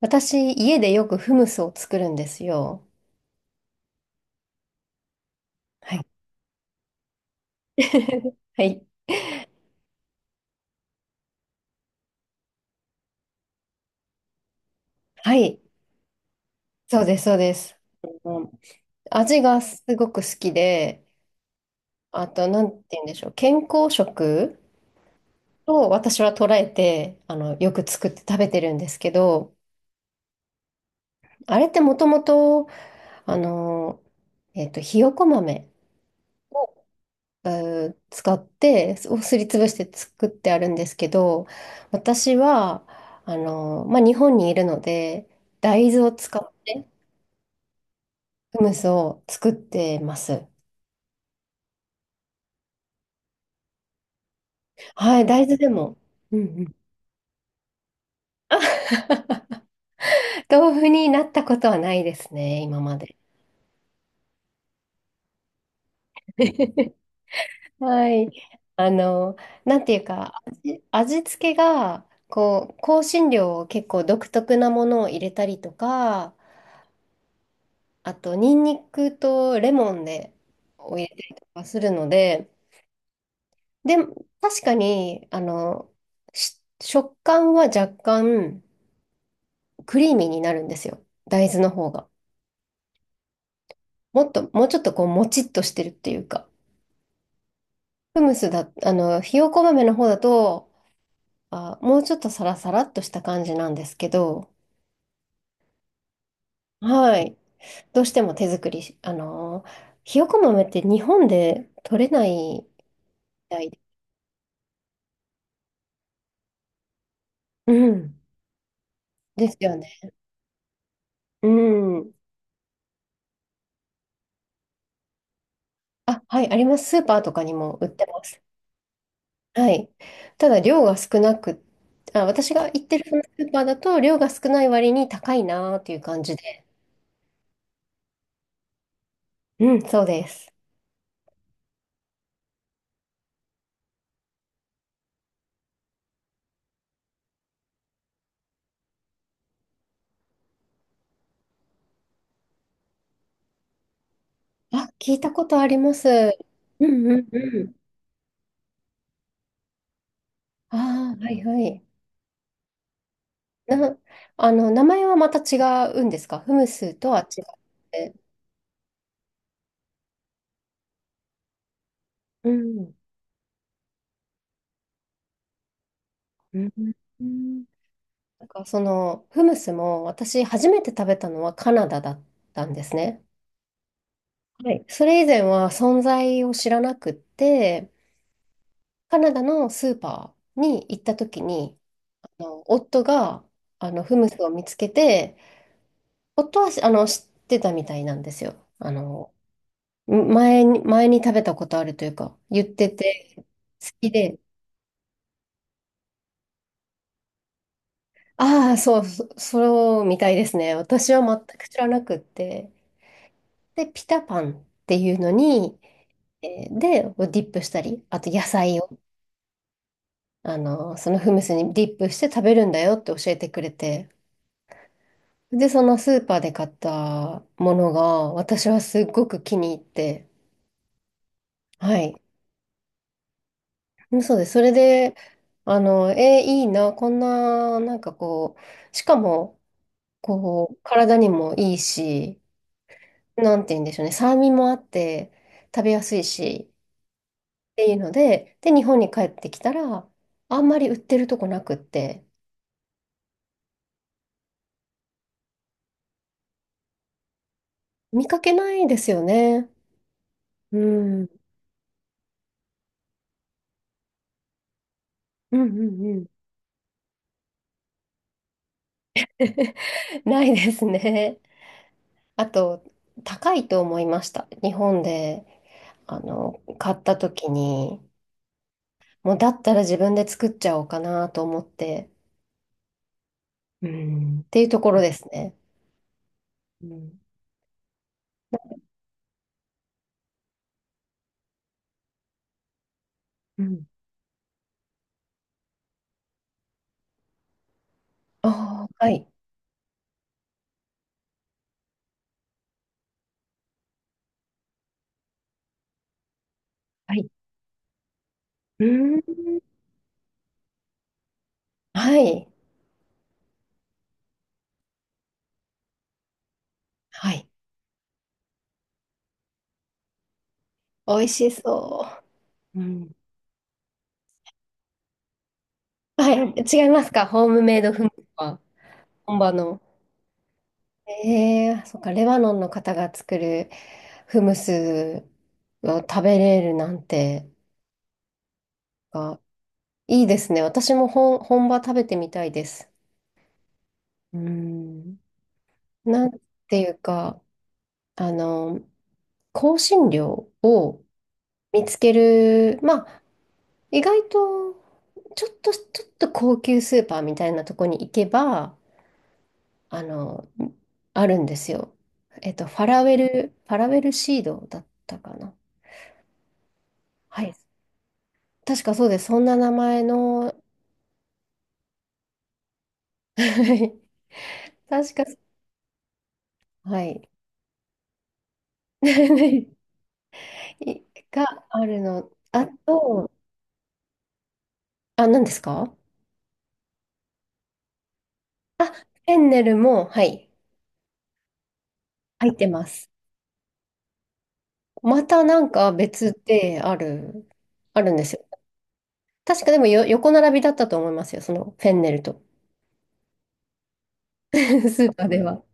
私、家でよくフムスを作るんですよ。はい。はい。はい。そうです、そうです。うん、味がすごく好きで、あと、なんて言うんでしょう。健康食を私は捉えて、よく作って食べてるんですけど、あれってもともと、あの、ひよこ豆を使って、すをすりつぶして作ってあるんですけど、私は、まあ、日本にいるので、大豆を使ってフムスを作ってます。はい、大豆でも。うんうん。あ、 豆腐になったことはないですね、今まで。はい。あの、なんていうか、味付けが、こう、香辛料を結構独特なものを入れたりとか、あと、ニンニクとレモンで、を入れたりとかするので、で、確かに、食感は若干クリーミーになるんですよ。大豆の方が。もっと、もうちょっとこう、もちっとしてるっていうか。フムスだ、あの、ひよこ豆の方だと、あ、もうちょっとサラサラっとした感じなんですけど、はい。どうしても手作りし、あのー、ひよこ豆って日本で取れないみたいで。うん。ですよね。うん。あ、はい、あります。スーパーとかにも売ってます。はい。ただ、量が少なく、あ、私が行ってるそのスーパーだと、量が少ない割に高いなーっていう感じで。うん、そうです。あ、聞いたことあります。うんうんうん。ああ、はいはい。な、あの、名前はまた違うんですか、フムスとは違って。うん。うんうん、なんかそのフムスも私初めて食べたのはカナダだったんですね。はい、それ以前は存在を知らなくって、カナダのスーパーに行った時に、あの夫があのフムスを見つけて、夫はあの知ってたみたいなんですよ。あの前に食べたことあるというか、言ってて、好きで、ああ、そうみたいですね。私は全く知らなくって。で、ピタパンっていうのに、えーで、ディップしたり、あと野菜を。あの、そのフムスにディップして食べるんだよって教えてくれて、で、そのスーパーで買ったものが、私はすっごく気に入って、はい。うん、そうです。それで、いいな、こんな、なんかこう、しかも、こう、体にもいいし、なんて言うんでしょうね、酸味もあって、食べやすいし、っていうので、で、日本に帰ってきたら、あんまり売ってるとこなくって、見かけないですよね。うん。うんうんうん。 ないですね。あと、高いと思いました。日本で、あの、買った時に、もうだったら自分で作っちゃおうかなと思って、うんっていうところですね。うん。うん。ああ、はい。はい。うーん。はい。はい。美味しそう。うん。はい。違いますか、ホームメイドフムスは、本場の。ええ、そっか、レバノンの方が作るフムスを食べれるなんて。か、いいですね。私も本、本場食べてみたいです。うん。なんていうか、あの、香辛料を見つける、まあ、意外と、ちょっと高級スーパーみたいなとこに行けば、あの、あるんですよ。えっと、ファラウェルシードだったかな。はい。確かそうです。そんな名前の、確か、はい。いがあるの。あと、あ、何ですか、あ、フェンネルも、はい、入ってます。またなんか別である、あるんですよ。確かでもよ、横並びだったと思いますよ、そのフェンネルと。スーパーでは。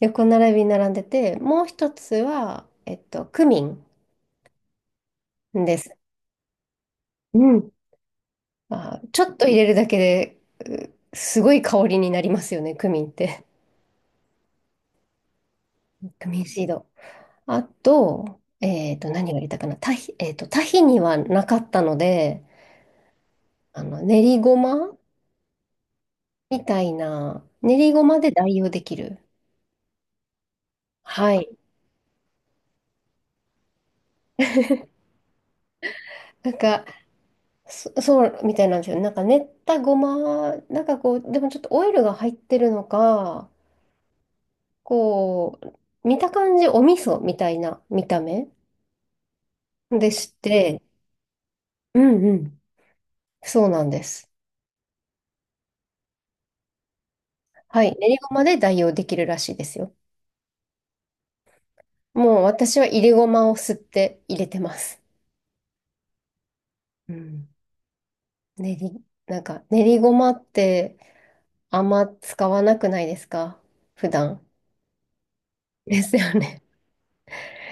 横並びに並んでて、もう一つは、えっと、クミンです。うん。あ、ちょっと入れるだけで、すごい香りになりますよね、クミンって。クミンシード。あと、えっと、何が入れたかな。タヒにはなかったので、あの、練りごまみたいな、練りごまで代用できる。はい。なんか、そうみたいなんですよ。なんか練ったごま、なんかこう、でもちょっとオイルが入ってるのか、こう、見た感じお味噌みたいな見た目でして、うんうん。そうなんです。はい。練りごまで代用できるらしいですよ。もう私は入れごまを吸って入れてます。うん。なんか練りごまってあんま使わなくないですか、普段。ですよね。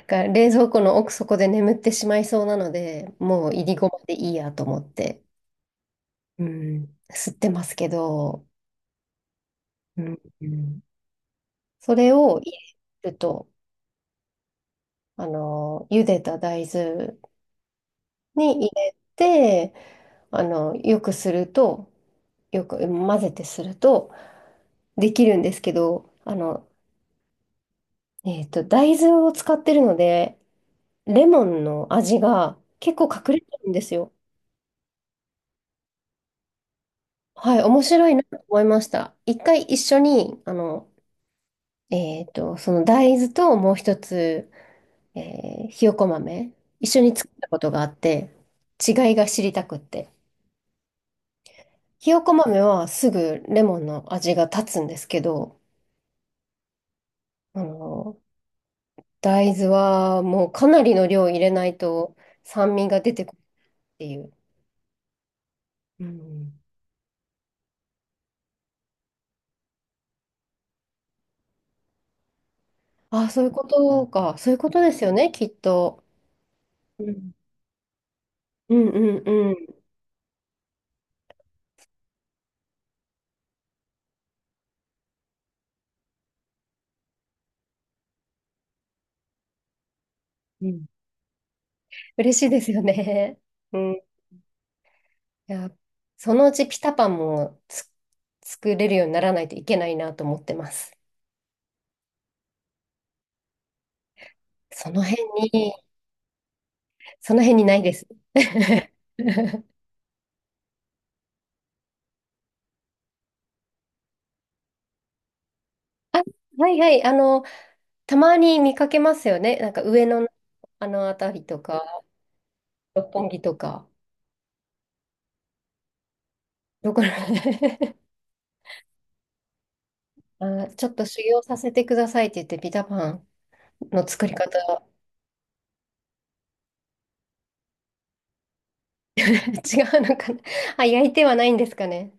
だから冷蔵庫の奥底で眠ってしまいそうなので、もういりごまでいいやと思って、うん、吸ってますけど、うん、うん、それを入れると、あの、茹でた大豆に入れて、あの、よくすると、よく混ぜてするとできるんですけど、大豆を使ってるので、レモンの味が結構隠れてるんですよ。はい、面白いなと思いました。一回一緒に、あの、えっと、その大豆ともう一つ、ひよこ豆、一緒に作ったことがあって、違いが知りたくって。ひよこ豆はすぐレモンの味が立つんですけど、あの、大豆はもうかなりの量入れないと酸味が出てくるっていう。うん、あ、そういうことか。そういうことですよね、きっと。うん、うんうんうんうん。嬉しいですよね。うん。 いや、そのうちピタパンも作れるようにならないといけないなと思ってます。その辺に、その辺にないです。あ、はいはい、あの、たまに見かけますよね。なんか上野のあの辺りとか、六本木とか、どこら あ、ちょっと修行させてくださいって言って、ピタパンの作り方 違うのかな、あ、焼いてはないんですかね。